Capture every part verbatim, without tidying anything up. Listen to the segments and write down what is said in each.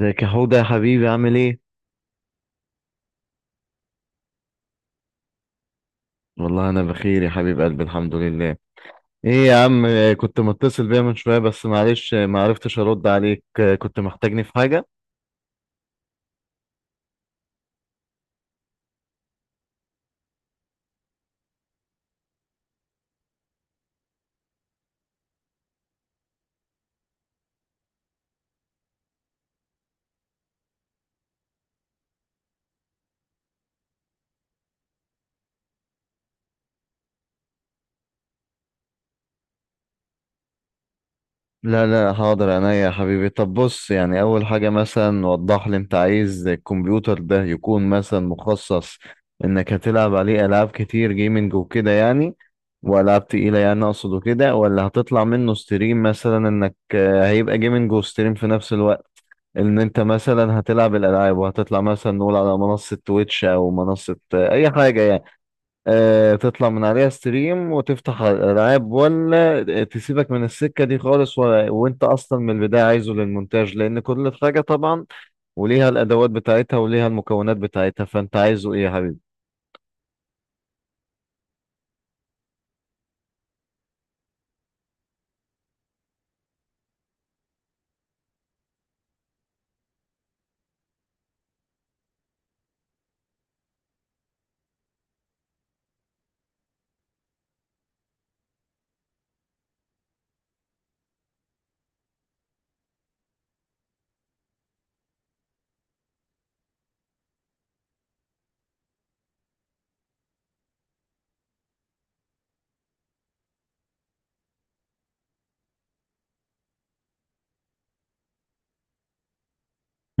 ازيك يا حوده يا حبيبي، عامل ايه؟ والله انا بخير يا حبيب قلبي، الحمد لله. ايه يا عم، آه، كنت متصل بيا من شويه، بس معلش آه، ما عرفتش ارد عليك. آه، كنت محتاجني في حاجه؟ لا لا، حاضر عينيا يا حبيبي. طب بص يعني، اول حاجه مثلا وضح لي، انت عايز الكمبيوتر ده يكون مثلا مخصص انك هتلعب عليه العاب كتير جيمنج وكده يعني، والعاب تقيله يعني، اقصد كده، ولا هتطلع منه ستريم مثلا انك آه، هيبقى جيمنج وستريم في نفس الوقت. ان انت مثلا هتلعب الالعاب وهتطلع مثلا نقول على منصة تويتش او منصة آه، اي حاجة يعني، آه، تطلع من عليها ستريم وتفتح على الالعاب، ولا تسيبك من السكة دي خالص، و... وانت اصلا من البداية عايزه للمونتاج، لان كل حاجة طبعا وليها الادوات بتاعتها وليها المكونات بتاعتها. فانت عايزه ايه يا حبيبي؟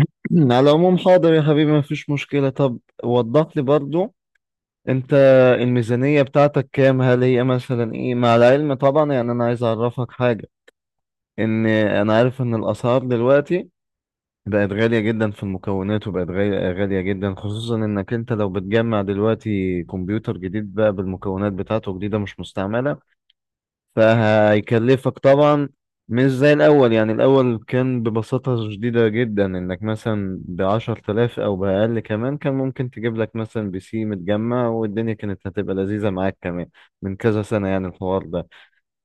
على العموم، حاضر يا حبيبي، مفيش مشكلة. طب وضح لي برضو، انت الميزانية بتاعتك كام؟ هل هي مثلا ايه، مع العلم طبعا يعني انا عايز اعرفك حاجة، ان انا عارف ان الاسعار دلوقتي بقت غالية جدا في المكونات، وبقت غالية غالية جدا، خصوصا انك انت لو بتجمع دلوقتي كمبيوتر جديد بقى بالمكونات بتاعته جديدة مش مستعملة، فهيكلفك طبعا مش زي الاول. يعني الاول كان ببساطة شديدة جدا، انك مثلا بعشر تلاف او باقل كمان كان ممكن تجيب لك مثلا بي سي متجمع، والدنيا كانت هتبقى لذيذة معاك كمان، من كذا سنة يعني الحوار ده.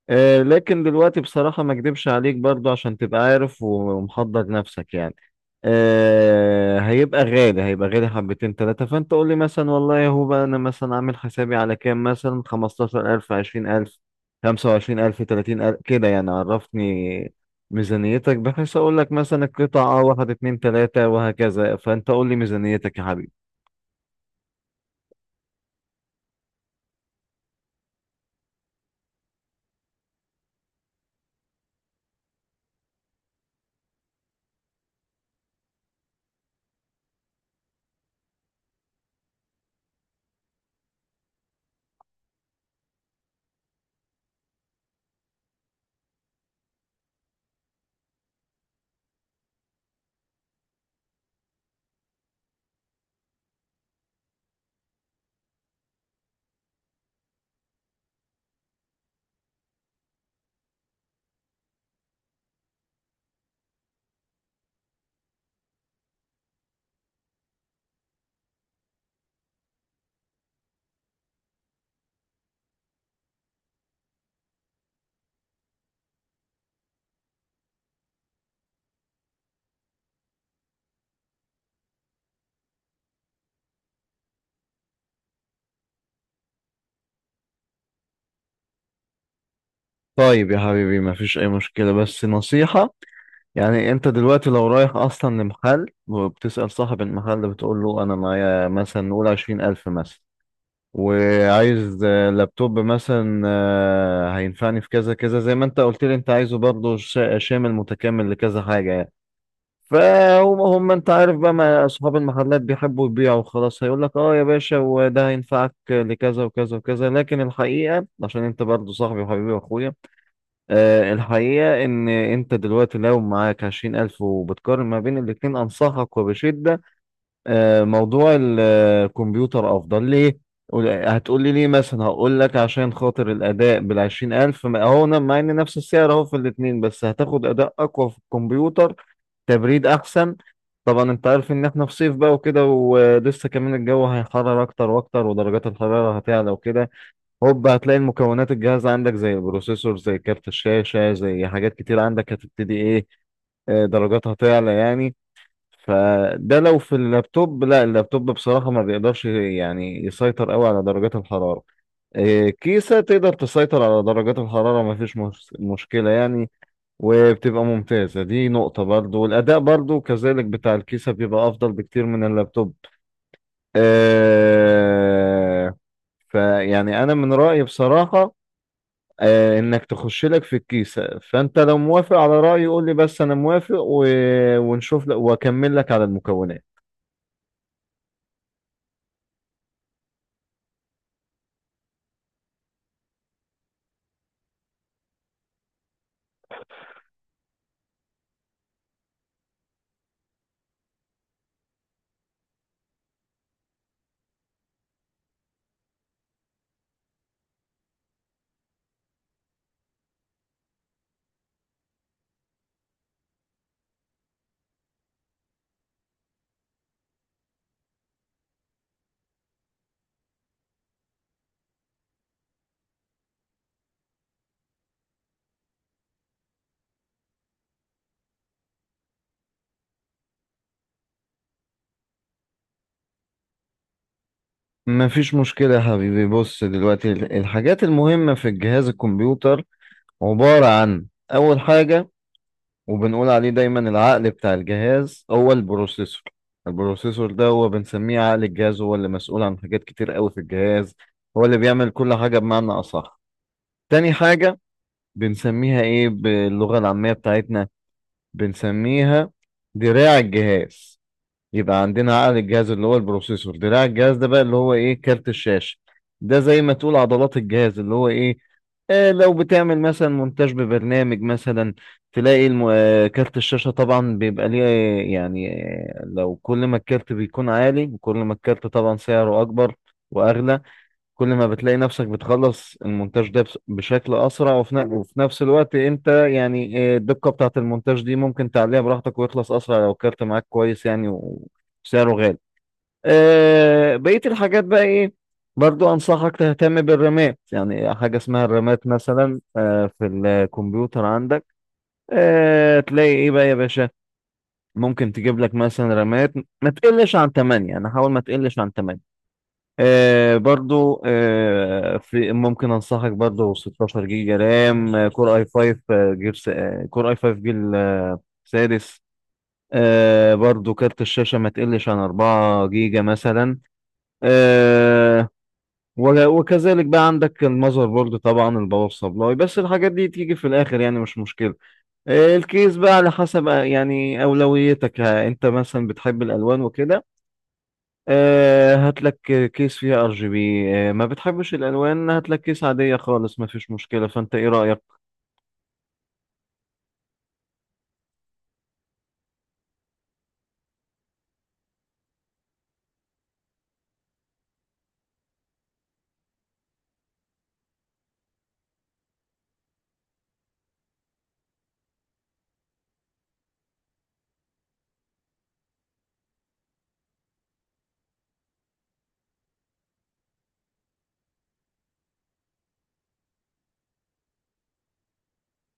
آه، لكن دلوقتي بصراحة ما اكدبش عليك برضو، عشان تبقى عارف ومحضر نفسك يعني، آه، هيبقى غالي، هيبقى غالي حبتين تلاتة. فانت قول لي مثلا والله يا هو بقى، انا مثلا عامل حسابي على كام، مثلا خمستاشر الف، عشرين الف، خمسة وعشرين الف، تلاتين الف، كده يعني. عرفني ميزانيتك، بحيث اقول لك مثلا القطعة اه، واحد اتنين تلاتة، وهكذا. فانت قول لي ميزانيتك يا حبيبي. طيب يا حبيبي، ما فيش اي مشكلة، بس نصيحة. يعني انت دلوقتي لو رايح اصلا لمحل وبتسأل صاحب المحل ده، بتقول له انا معايا مثلا نقول عشرين الف مثلا، وعايز آه، لابتوب مثلا آه، هينفعني في كذا كذا، زي ما انت قلت لي انت عايزه برضه شا- شامل متكامل لكذا حاجة يعني. فهم هم انت عارف بقى، ما اصحاب المحلات بيحبوا يبيعوا خلاص، هيقول لك اه يا باشا، وده هينفعك لكذا وكذا وكذا. لكن الحقيقة، عشان انت برضه صاحبي وحبيبي واخويا، آه، الحقيقة إن أنت دلوقتي لو معاك عشرين ألف وبتقارن ما بين الاتنين، أنصحك وبشدة آه، موضوع ال- آه، الكمبيوتر أفضل. ليه؟ قول- هتقولي ليه مثلا، هقول لك عشان خاطر الأداء. بالعشرين ألف، ما- أهو أنا- مع إن نفس السعر أهو في الاتنين، بس هتاخد أداء أقوى في الكمبيوتر، تبريد أحسن. طبعا أنت عارف إن إحنا في صيف بقى وكده، ولسه كمان الجو هيحرر أكتر وأكتر، ودرجات الحرارة هتعلى وكده. هوب هتلاقي المكونات الجاهزة عندك زي البروسيسور، زي كارت الشاشة، زي حاجات كتير عندك، هتبتدي ايه آه، درجاتها تعلى يعني. فده لو في اللابتوب، لا اللابتوب بصراحة ما بيقدرش يعني يسيطر قوي على درجات الحرارة. آه، كيسة تقدر تسيطر على درجات الحرارة، ما فيش مش- مشكلة يعني، وبتبقى ممتازة. دي نقطة برضو، والأداء برضو كذلك بتاع الكيسة بيبقى أفضل بكتير من اللابتوب. آه، فيعني أنا من رأيي بصراحة آه، انك تخش لك في الكيسة. فانت لو موافق على رأيي قول لي بس، انا موافق و... ونشوف لك واكمل لك على المكونات. مفيش مشكلة يا حبيبي. بص دلوقتي، ال- الحاجات المهمة في الجهاز الكمبيوتر عبارة عن، اول حاجة، وبنقول عليه دايما العقل بتاع الجهاز هو البروسيسور. البروسيسور ده هو بنسميه عقل الجهاز، هو اللي مسؤول عن حاجات كتير قوي في الجهاز، هو اللي بيعمل كل حاجة بمعنى اصح. تاني حاجة، بنسميها ايه باللغة العامية بتاعتنا، بنسميها دراع الجهاز. يبقى عندنا عقل الجهاز اللي هو البروسيسور، دراع الجهاز ده بقى اللي هو ايه كارت الشاشة. ده زي ما تقول عضلات الجهاز اللي هو ايه، آه. لو بتعمل مثلا مونتاج ببرنامج مثلا، تلاقي الم... آه كارت الشاشة طبعا بيبقى ليه آه، يعني آه لو كل ما الكارت بيكون عالي، وكل ما الكارت طبعا سعره أكبر وأغلى، كل ما بتلاقي نفسك بتخلص المونتاج ده بس- بشكل اسرع، وفي ن- وفي نفس الوقت انت يعني آه، الدقة بتاعت المونتاج دي ممكن تعليها براحتك، ويخلص اسرع لو الكارت معاك كويس يعني، و- وسعره غالي. آه، بقية الحاجات بقى ايه، برضو انصحك تهتم بالرامات. يعني حاجة اسمها الرامات مثلا آه، في الكمبيوتر عندك، آه، تلاقي ايه بقى يا باشا. ممكن تجيب لك مثلا رامات ما تقلش عن تمانية، يعني حاول ما تقلش عن تمانية. آه برضو آه في، ممكن انصحك برضو ستاشرة جيجا رام، آه كور اي فايف، آه جيل س- آه كور اي فايف جيل آه سادس. آه برضو كارت الشاشة ما تقلش عن اربعة جيجا مثلا. آه وك- وكذلك بقى عندك المذر بورد طبعا، الباور سبلاي، بس الحاجات دي تيجي في الاخر يعني، مش مشكلة. آه الكيس بقى على حسب آه، يعني اولويتك. آه انت مثلا بتحب الالوان وكده، آه، هات لك كيس فيها ار جي بي. ما بتحبش الالوان، هات لك كيس عاديه خالص، ما فيش مشكله. فانت ايه رايك؟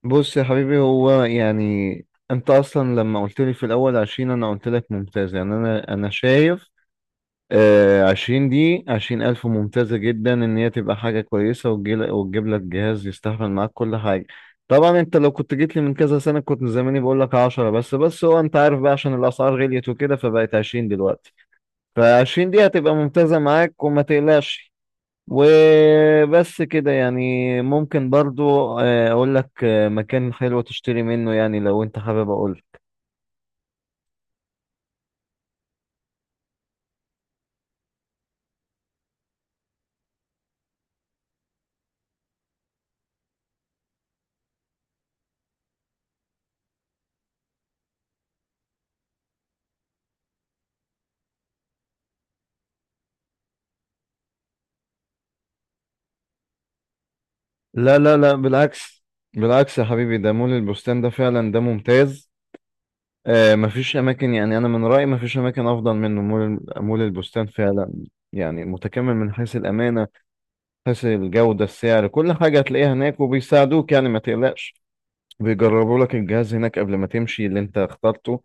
بص يا حبيبي، هو يعني انت اصلا لما قلت لي في الاول عشرين، انا قلت لك ممتاز يعني. انا انا شايف آه، عشرين دي، عشرين الف ممتازه جدا ان هي تبقى حاجه كويسه، وتجيل- وتجيب لك جهاز يستحمل معاك كل حاجه. طبعا انت لو كنت جيت لي من كذا سنه كنت زماني بقول لك عشرة بس. بس هو انت عارف بقى عشان الاسعار غليت وكده، فبقت عشرين دلوقتي. فعشرين دقيقة هتبقى ممتازة معاك، وما تقلقش. وبس كده يعني. ممكن برضو آه، أقول لك آه، مكان حلو تشتري منه، يعني لو أنت حابب أقول. لا لا لا، بالعكس، بالعكس يا حبيبي. ده مول البستان ده فعلا ده ممتاز. آه، مفيش أماكن يعني، أنا من رأيي مفيش أماكن أفضل منه. مول مول البستان فعلا، يعني متكامل من حيث الأمانة، حيث الجودة، السعر، كل حاجة هتلاقيها هناك، وبيساعدوك يعني ما تقلقش. بيجربوا لك الجهاز هناك قبل ما تمشي اللي انت اخترته،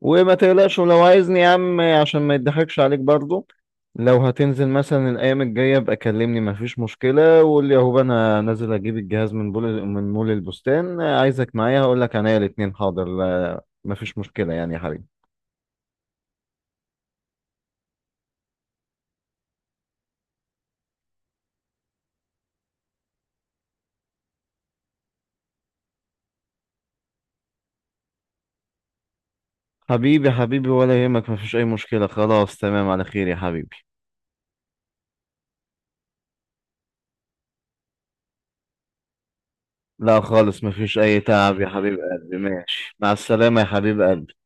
وما تقلقش. ولو عايزني يا عم، عشان ما يضحكش عليك برضو، لو هتنزل مثلا الايام الجايه بقى كلمني، مفيش مشكله، وقول لي اهو انا نازل اجيب الجهاز من بول من مول البستان، عايزك معايا. هقول لك عينيا الاتنين، حاضر، لا مفيش مشكله يعني يا حبيبي. حبيبي حبيبي، ولا يهمك، مفيش اي مشكله، خلاص تمام، على خير يا حبيبي. لا خالص، مفيش اي تعب يا حبيب قلبي. ماشي، مع السلامه يا حبيب قلبي.